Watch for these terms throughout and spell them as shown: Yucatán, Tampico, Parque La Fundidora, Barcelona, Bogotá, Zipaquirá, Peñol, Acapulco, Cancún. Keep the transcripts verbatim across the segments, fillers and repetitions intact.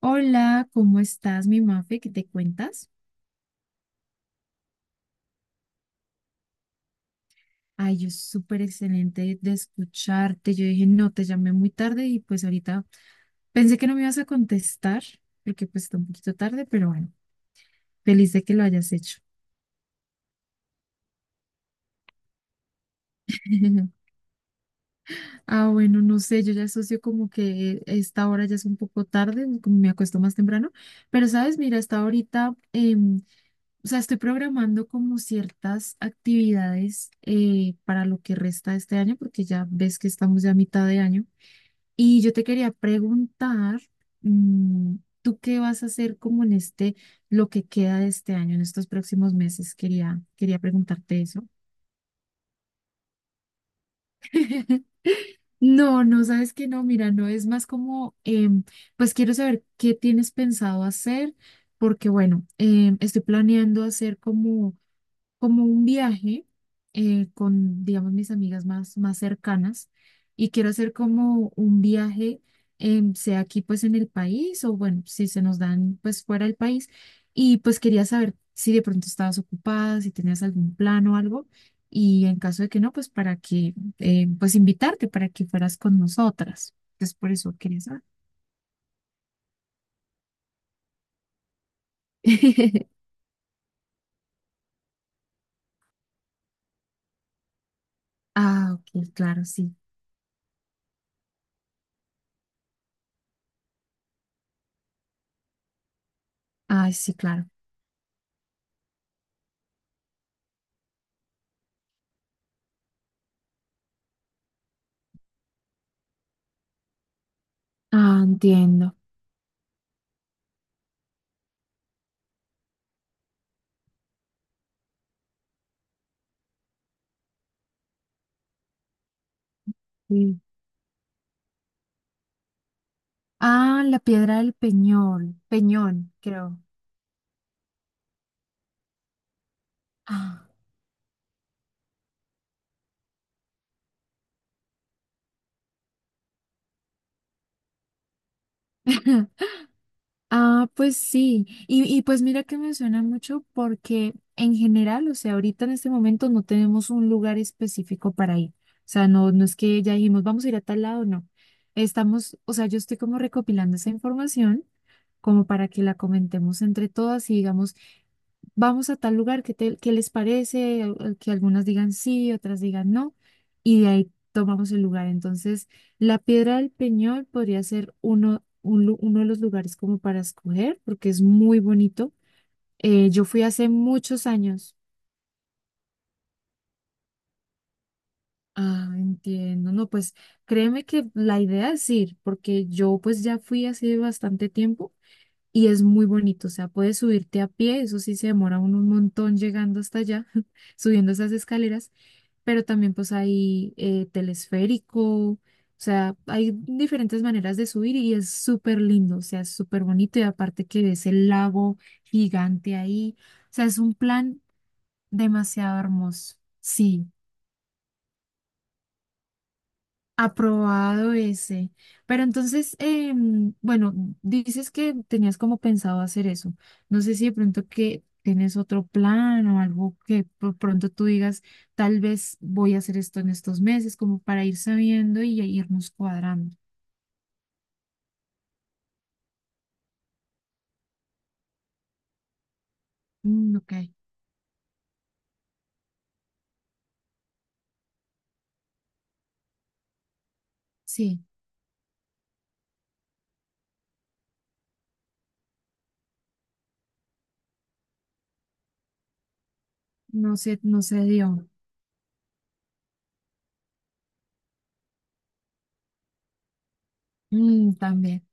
Hola, ¿cómo estás, mi Mafe? ¿Qué te cuentas? Ay, yo súper excelente de escucharte. Yo dije, no, te llamé muy tarde y pues ahorita pensé que no me ibas a contestar porque pues está un poquito tarde, pero bueno, feliz de que lo hayas hecho. Ah, bueno, no sé, yo ya asocio como que esta hora ya es un poco tarde, como me acuesto más temprano, pero sabes, mira, hasta ahorita, em, o sea, estoy programando como ciertas actividades eh, para lo que resta de este año, porque ya ves que estamos ya a mitad de año. Y yo te quería preguntar, mm, ¿tú qué vas a hacer como en este, lo que queda de este año, en estos próximos meses? Quería, quería preguntarte eso. No, no, sabes que no, mira, no es más como, em, pues quiero saber qué tienes pensado hacer, porque bueno, em, estoy planeando hacer como como un viaje eh, con, digamos, mis amigas más, más cercanas y quiero hacer como un viaje, em, sea aquí pues en el país o bueno, si se nos dan pues fuera del país y pues quería saber si de pronto estabas ocupada, si tenías algún plan o algo y en caso de que no, pues para que, eh, pues invitarte para que fueras con nosotras. Entonces por eso quería saber. Ah, ok, claro, sí. Ay, sí, claro. Ah, entiendo. Sí. Ah, la piedra del Peñón, Peñón, creo. Ah, ah, pues sí. Y, y pues mira que me suena mucho porque en general, o sea, ahorita en este momento no tenemos un lugar específico para ir. O sea, no, no es que ya dijimos, vamos a ir a tal lado, no. Estamos, o sea, yo estoy como recopilando esa información como para que la comentemos entre todas y digamos, vamos a tal lugar, ¿qué te- qué les parece? Al- al- Que algunas digan sí, otras digan no, y de ahí tomamos el lugar. Entonces, la Piedra del Peñol podría ser uno, un lu- uno de los lugares como para escoger, porque es muy bonito. Eh, yo fui hace muchos años. Ah, entiendo. No, pues créeme que la idea es ir, porque yo pues ya fui hace bastante tiempo y es muy bonito, o sea, puedes subirte a pie, eso sí se demora uno un montón llegando hasta allá, subiendo esas escaleras, pero también pues hay eh, telesférico, o sea, hay diferentes maneras de subir y es súper lindo, o sea, es súper bonito y aparte que ves el lago gigante ahí, o sea, es un plan demasiado hermoso, sí. Aprobado ese. Pero entonces, em, bueno, dices que tenías como pensado hacer eso. No sé si de pronto que tienes otro plan o algo que por pronto tú digas, tal vez voy a hacer esto en estos meses, como para ir sabiendo y ya irnos cuadrando. Mm, ok, sí, no sé, no se dio. Mm, también.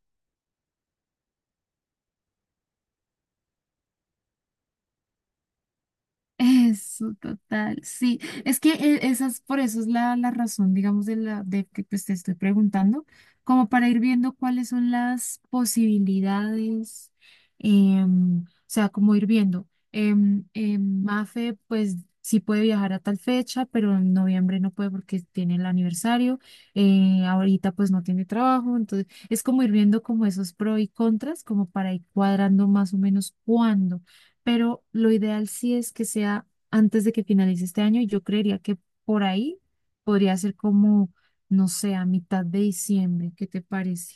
Eso, total. Sí, es que e- esa por eso es la, la razón, digamos, de la de que pues te estoy preguntando, como para ir viendo cuáles son las posibilidades, em, o sea, como ir viendo. em, em, Mafe, pues sí puede viajar a tal fecha, pero en noviembre no puede porque tiene el aniversario. Eh, ahorita pues no tiene trabajo, entonces es como ir viendo como esos pro y contras, como para ir cuadrando más o menos cuándo, pero lo ideal sí es que sea antes de que finalice este año y yo creería que por ahí podría ser como, no sé, a mitad de diciembre, ¿qué te parece?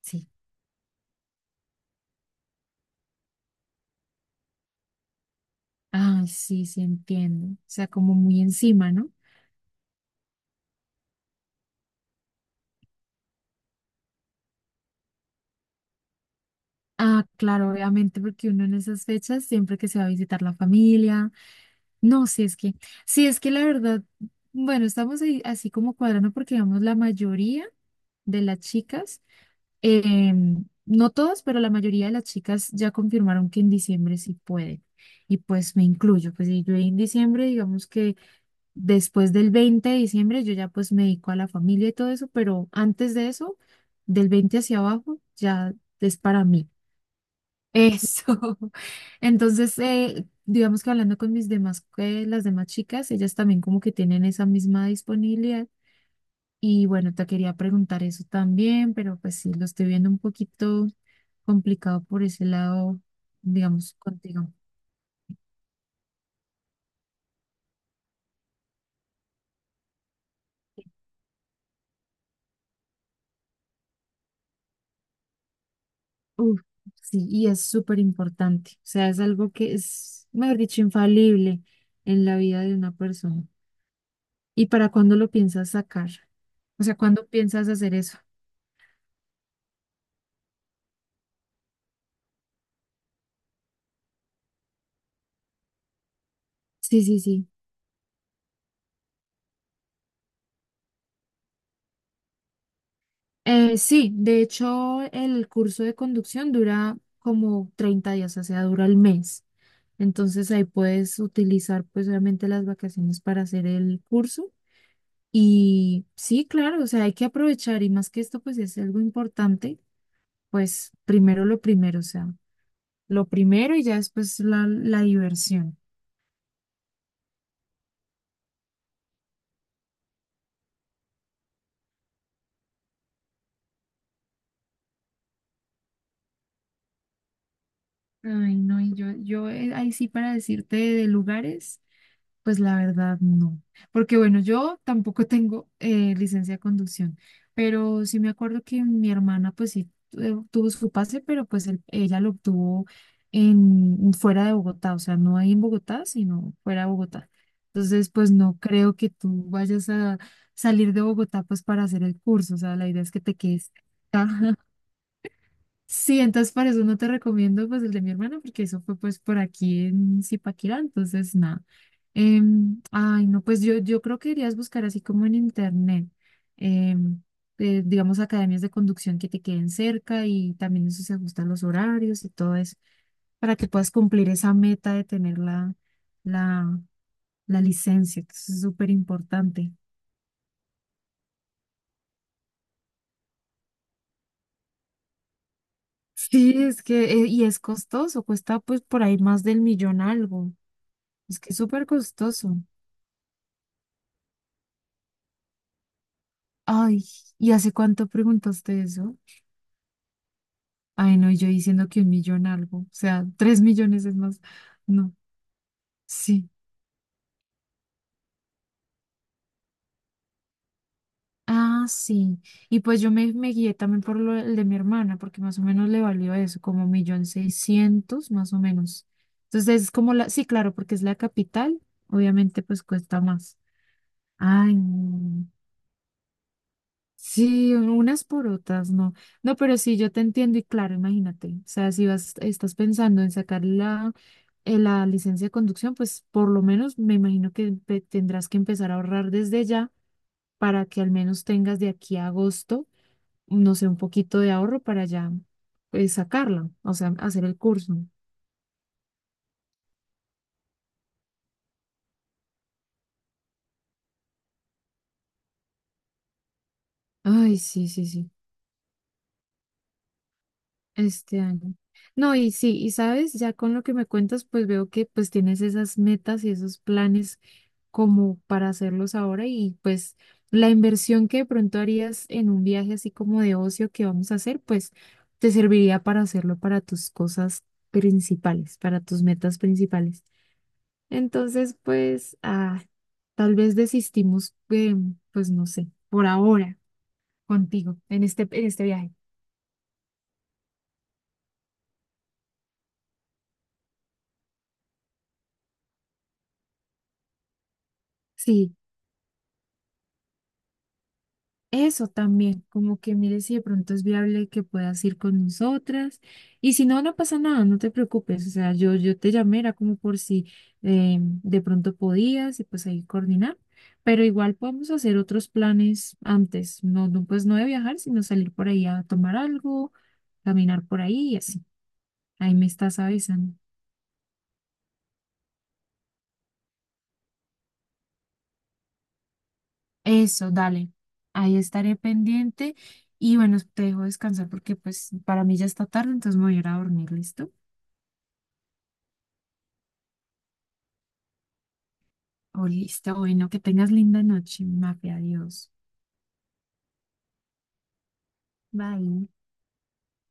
Sí. Ay, sí, sí, entiendo. O sea, como muy encima, ¿no? Ah, claro, obviamente, porque uno en esas fechas, siempre que se va a visitar la familia, no, si es que, si es que la verdad, bueno, estamos ahí así como cuadrando porque, digamos, la mayoría de las chicas. Eh, no todas, pero la mayoría de las chicas ya confirmaron que en diciembre sí pueden. Y pues me incluyo, pues y yo en diciembre, digamos que después del veinte de diciembre, yo ya pues me dedico a la familia y todo eso, pero antes de eso, del veinte hacia abajo, ya es para mí. Eso. Entonces, eh, digamos que hablando con mis demás, eh, las demás chicas, ellas también como que tienen esa misma disponibilidad. Y bueno, te quería preguntar eso también, pero pues sí, lo estoy viendo un poquito complicado por ese lado, digamos, contigo. Uf, sí, y es súper importante. O sea, es algo que es, mejor dicho, infalible en la vida de una persona. ¿Y para cuándo lo piensas sacar? O sea, ¿cuándo piensas hacer eso? Sí, sí, sí. Eh, sí, de hecho, el curso de conducción dura como treinta días, o sea, dura el mes. Entonces ahí puedes utilizar pues obviamente las vacaciones para hacer el curso. Y sí, claro, o sea, hay que aprovechar y más que esto, pues es algo importante, pues primero lo primero, o sea, lo primero y ya después la, la diversión. Ay, no, y yo, yo eh, ahí sí para decirte de lugares. Pues la verdad no, porque bueno, yo tampoco tengo eh, licencia de conducción, pero sí me acuerdo que mi hermana pues sí eh, tuvo su pase, pero pues el- ella lo obtuvo en, fuera de Bogotá, o sea, no ahí en Bogotá, sino fuera de Bogotá. Entonces, pues no creo que tú vayas a salir de Bogotá pues para hacer el curso, o sea, la idea es que te quedes acá. Sí, entonces para eso no te recomiendo pues el de mi hermano porque eso fue pues por aquí en Zipaquirá, entonces nada. Em, ay, no, pues yo, yo creo que irías buscar así como en internet, em, eh, digamos academias de conducción que te queden cerca y también eso se ajustan los horarios y todo eso para que puedas cumplir esa meta de tener la, la, la licencia, que eso es súper importante. Sí, es que, eh, y es costoso, cuesta pues por ahí más del millón algo, es que es súper costoso. Ay, ¿y hace cuánto preguntaste eso? Ay, no, y yo diciendo que un millón algo, o sea, tres millones es más. No, sí. Ah, sí. Y pues yo me, me guié también por lo el de mi hermana, porque más o menos le valió eso, como un millón seiscientos, más o menos. Entonces es como la, sí, claro, porque es la capital, obviamente pues cuesta más. Ay, no. Sí, unas por otras, no. No, pero sí, yo te entiendo y claro, imagínate. O sea, si vas, estás pensando en sacar la, eh, la licencia de conducción, pues por lo menos me imagino que pe- tendrás que empezar a ahorrar desde ya para que al menos tengas de aquí a agosto, no sé, un poquito de ahorro para ya, pues, sacarla, o sea, hacer el curso. Ay, sí, sí, sí. Este año. No, y sí, y sabes, ya con lo que me cuentas, pues veo que pues tienes esas metas y esos planes como para hacerlos ahora y pues la inversión que de pronto harías en un viaje así como de ocio que vamos a hacer, pues te serviría para hacerlo para tus cosas principales, para tus metas principales. Entonces, pues, ah, tal vez desistimos, em, pues no sé, por ahora contigo en este, en este viaje. Sí. Eso también, como que mire si de pronto es viable que puedas ir con nosotras. Y si no, no pasa nada, no te preocupes. O sea, yo, yo te llamé, era como por si eh, de pronto podías y pues ahí coordinar. Pero igual podemos hacer otros planes antes, no, no, pues no de viajar, sino salir por ahí a tomar algo, caminar por ahí y así. Ahí me estás avisando. Eso, dale. Ahí estaré pendiente. Y bueno, te dejo descansar porque pues para mí ya está tarde, entonces me voy a ir a dormir, ¿listo? Oh, listo, bueno, que tengas linda noche, mafia, adiós. Bye.